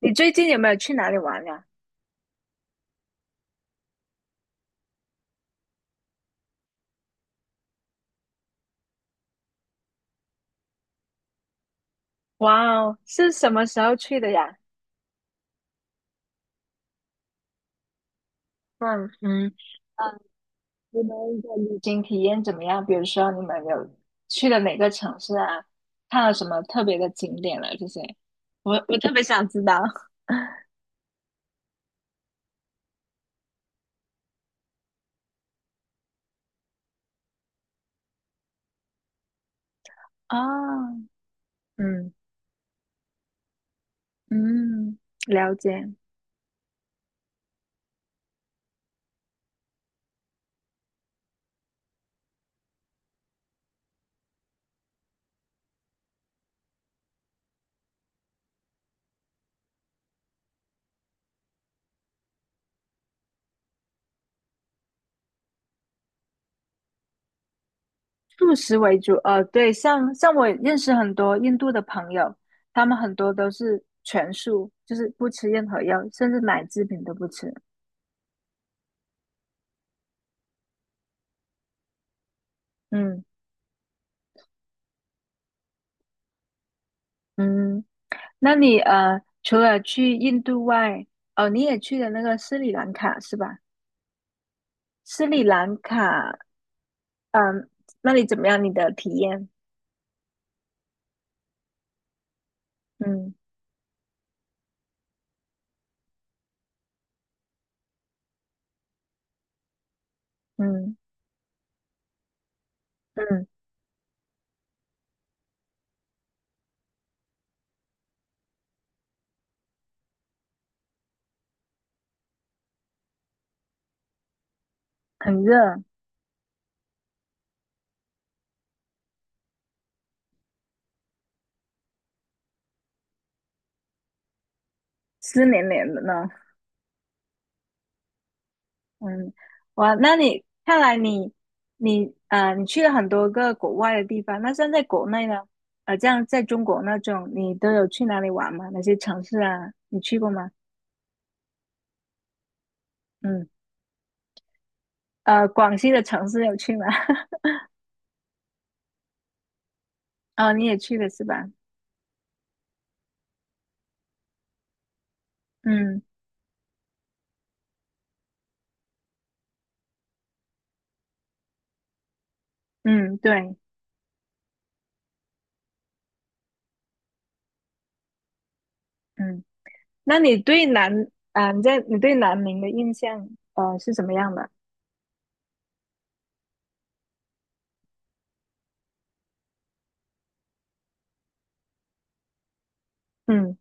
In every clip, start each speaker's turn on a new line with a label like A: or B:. A: 你最近有没有去哪里玩呀？哇哦，是什么时候去的呀？嗯嗯，嗯，你们的旅行体验怎么样？比如说你们有去了哪个城市啊？看了什么特别的景点了？这些，我特别想知道。啊，嗯嗯，了解，素食为主。对，像我认识很多印度的朋友，他们很多都是全素，就是不吃任何药，甚至奶制品都不吃。嗯嗯。那你除了去印度外，哦，你也去了那个斯里兰卡是吧？斯里兰卡，嗯，那里怎么样？你的体验？嗯嗯嗯，很热，湿黏黏的呢。嗯，哇，那你看来你你去了很多个国外的地方，那像在国内呢？这样在中国那种，你都有去哪里玩吗？哪些城市啊？你去过吗？嗯，广西的城市有去吗？哦，你也去了是吧？嗯。嗯，对，嗯，那你对南啊，你对南宁的印象是什么样的？嗯，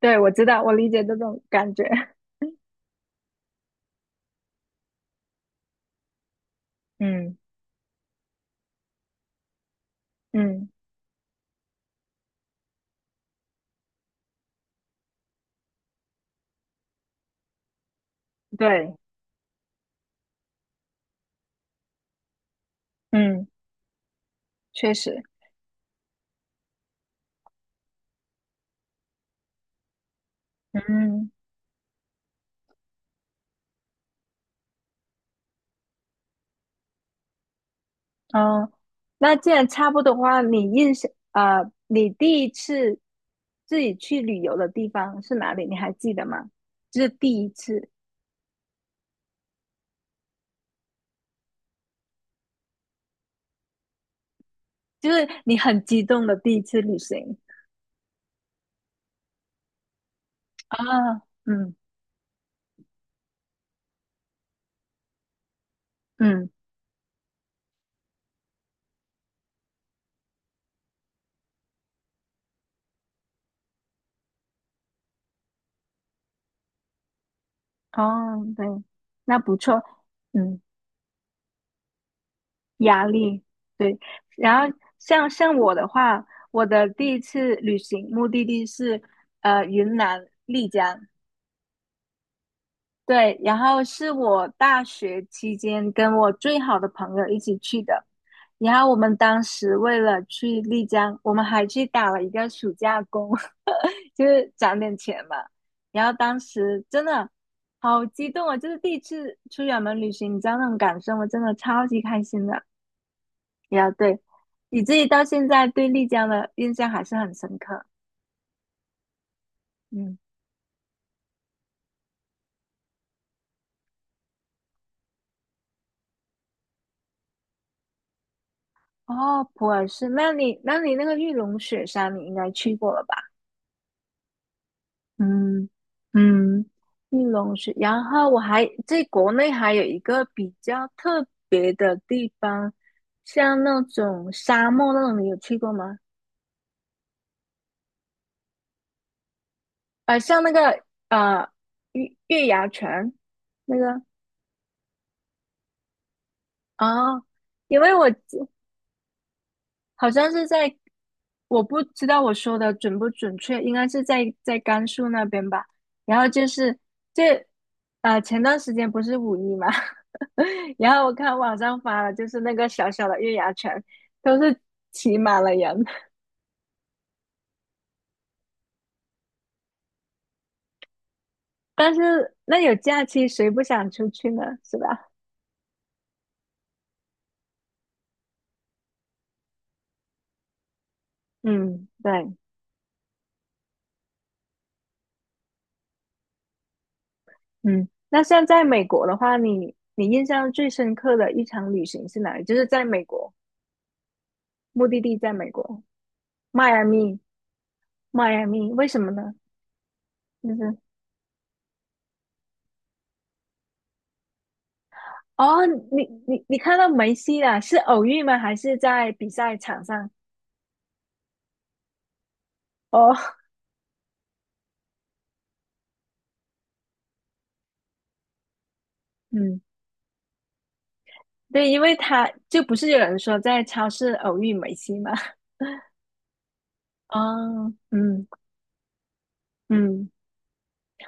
A: 对，我知道，我理解这种感觉。嗯嗯，对，嗯，确实，嗯嗯，哦，那既然差不多的话，你印象啊，你第一次自己去旅游的地方是哪里？你还记得吗？就是第一次，就是你很激动的第一次旅行啊，嗯嗯，哦，对，那不错。嗯。压力，对。然后像我的话，我的第一次旅行目的地是云南丽江，对。然后是我大学期间跟我最好的朋友一起去的。然后我们当时为了去丽江，我们还去打了一个暑假工，就是攒点钱嘛。然后当时真的好激动啊，就是第一次出远门旅行，你知道那种感受吗？真的超级开心的。呀，对，你自己到现在对丽江的印象还是很深刻。嗯，哦，普洱市，那你那个玉龙雪山你应该去过了吧？嗯嗯，玉龙雪，然后我还在国内还有一个比较特别的地方，像那种沙漠那种，你有去过吗？像那个月牙泉那个啊，因为我好像是在，我不知道我说的准不准确，应该是在甘肃那边吧。然后就是这，啊，前段时间不是五一嘛，然后我看网上发了，就是那个小小的月牙泉都是挤满了人，但是那有假期，谁不想出去呢？是吧？嗯，对，嗯。那像在美国的话，你印象最深刻的一场旅行是哪里？就是在美国，目的地在美国，迈阿密。迈阿密，为什么呢？就是哦，你看到梅西了，是偶遇吗？还是在比赛场上？哦，嗯，对，因为他就不是有人说在超市偶遇梅西吗？哦，嗯嗯，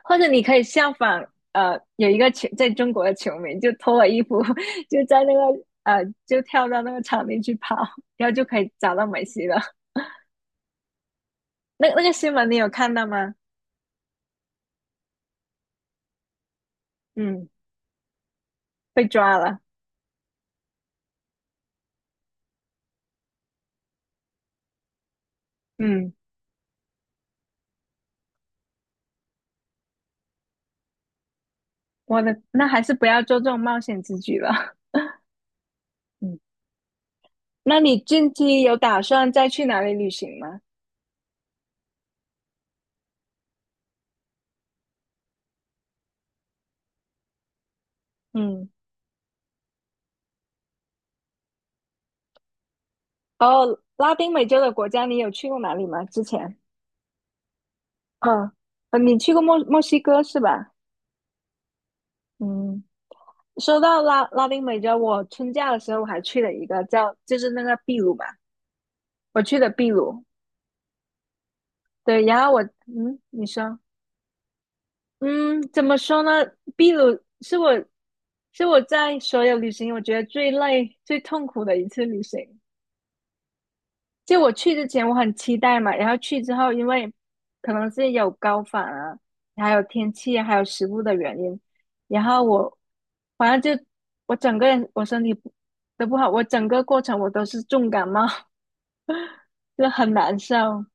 A: 或者你可以效仿，有一个球在中国的球迷就脱了衣服，就在那个就跳到那个场地去跑，然后就可以找到梅西了。那那个新闻你有看到吗？嗯，被抓了。嗯。我的，那还是不要做这种冒险之举了。嗯，那你近期有打算再去哪里旅行吗？嗯，哦，拉丁美洲的国家你有去过哪里吗？之前？嗯，你去过墨西哥是吧？嗯，说到拉丁美洲，我春假的时候我还去了一个叫，就是那个秘鲁嘛，我去的秘鲁。对，然后我，嗯，你说，嗯，怎么说呢？秘鲁是我在所有旅行我觉得最累、最痛苦的一次旅行。就我去之前我很期待嘛，然后去之后，因为可能是有高反啊，还有天气啊，还有食物的原因，然后我反正就我整个人我身体不都不好，我整个过程我都是重感冒，就很难受。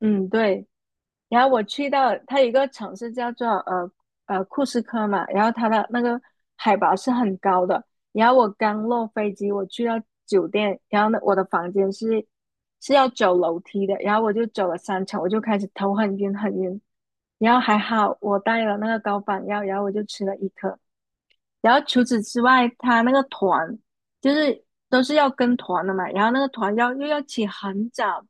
A: 嗯，对。然后我去到它有一个城市叫做库斯科嘛，然后它的那个海拔是很高的。然后我刚落飞机，我去到酒店，然后呢，我的房间是要走楼梯的，然后我就走了3层，我就开始头很晕很晕。然后还好我带了那个高反药，然后我就吃了一颗。然后除此之外，它那个团就是都是要跟团的嘛，然后那个团又要起很早，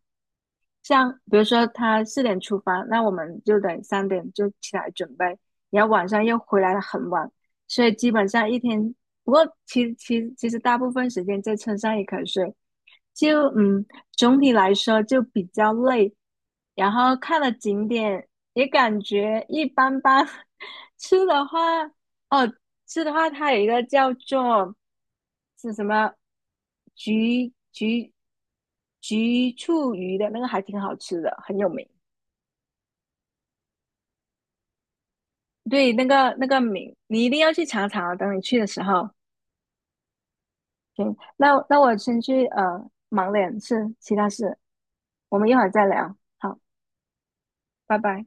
A: 像比如说他4点出发，那我们就得3点就起来准备，然后晚上又回来的很晚，所以基本上一天，不过其实大部分时间在车上也可以睡，就嗯，总体来说就比较累，然后看了景点也感觉一般般。吃的话，哦，吃的话，它有一个叫做是什么菊菊菊醋鱼的那个还挺好吃的，很有名。对，那个那个名你一定要去尝尝啊，等你去的时候。行，那我先去忙点事，其他事，我们一会儿再聊。好，拜拜。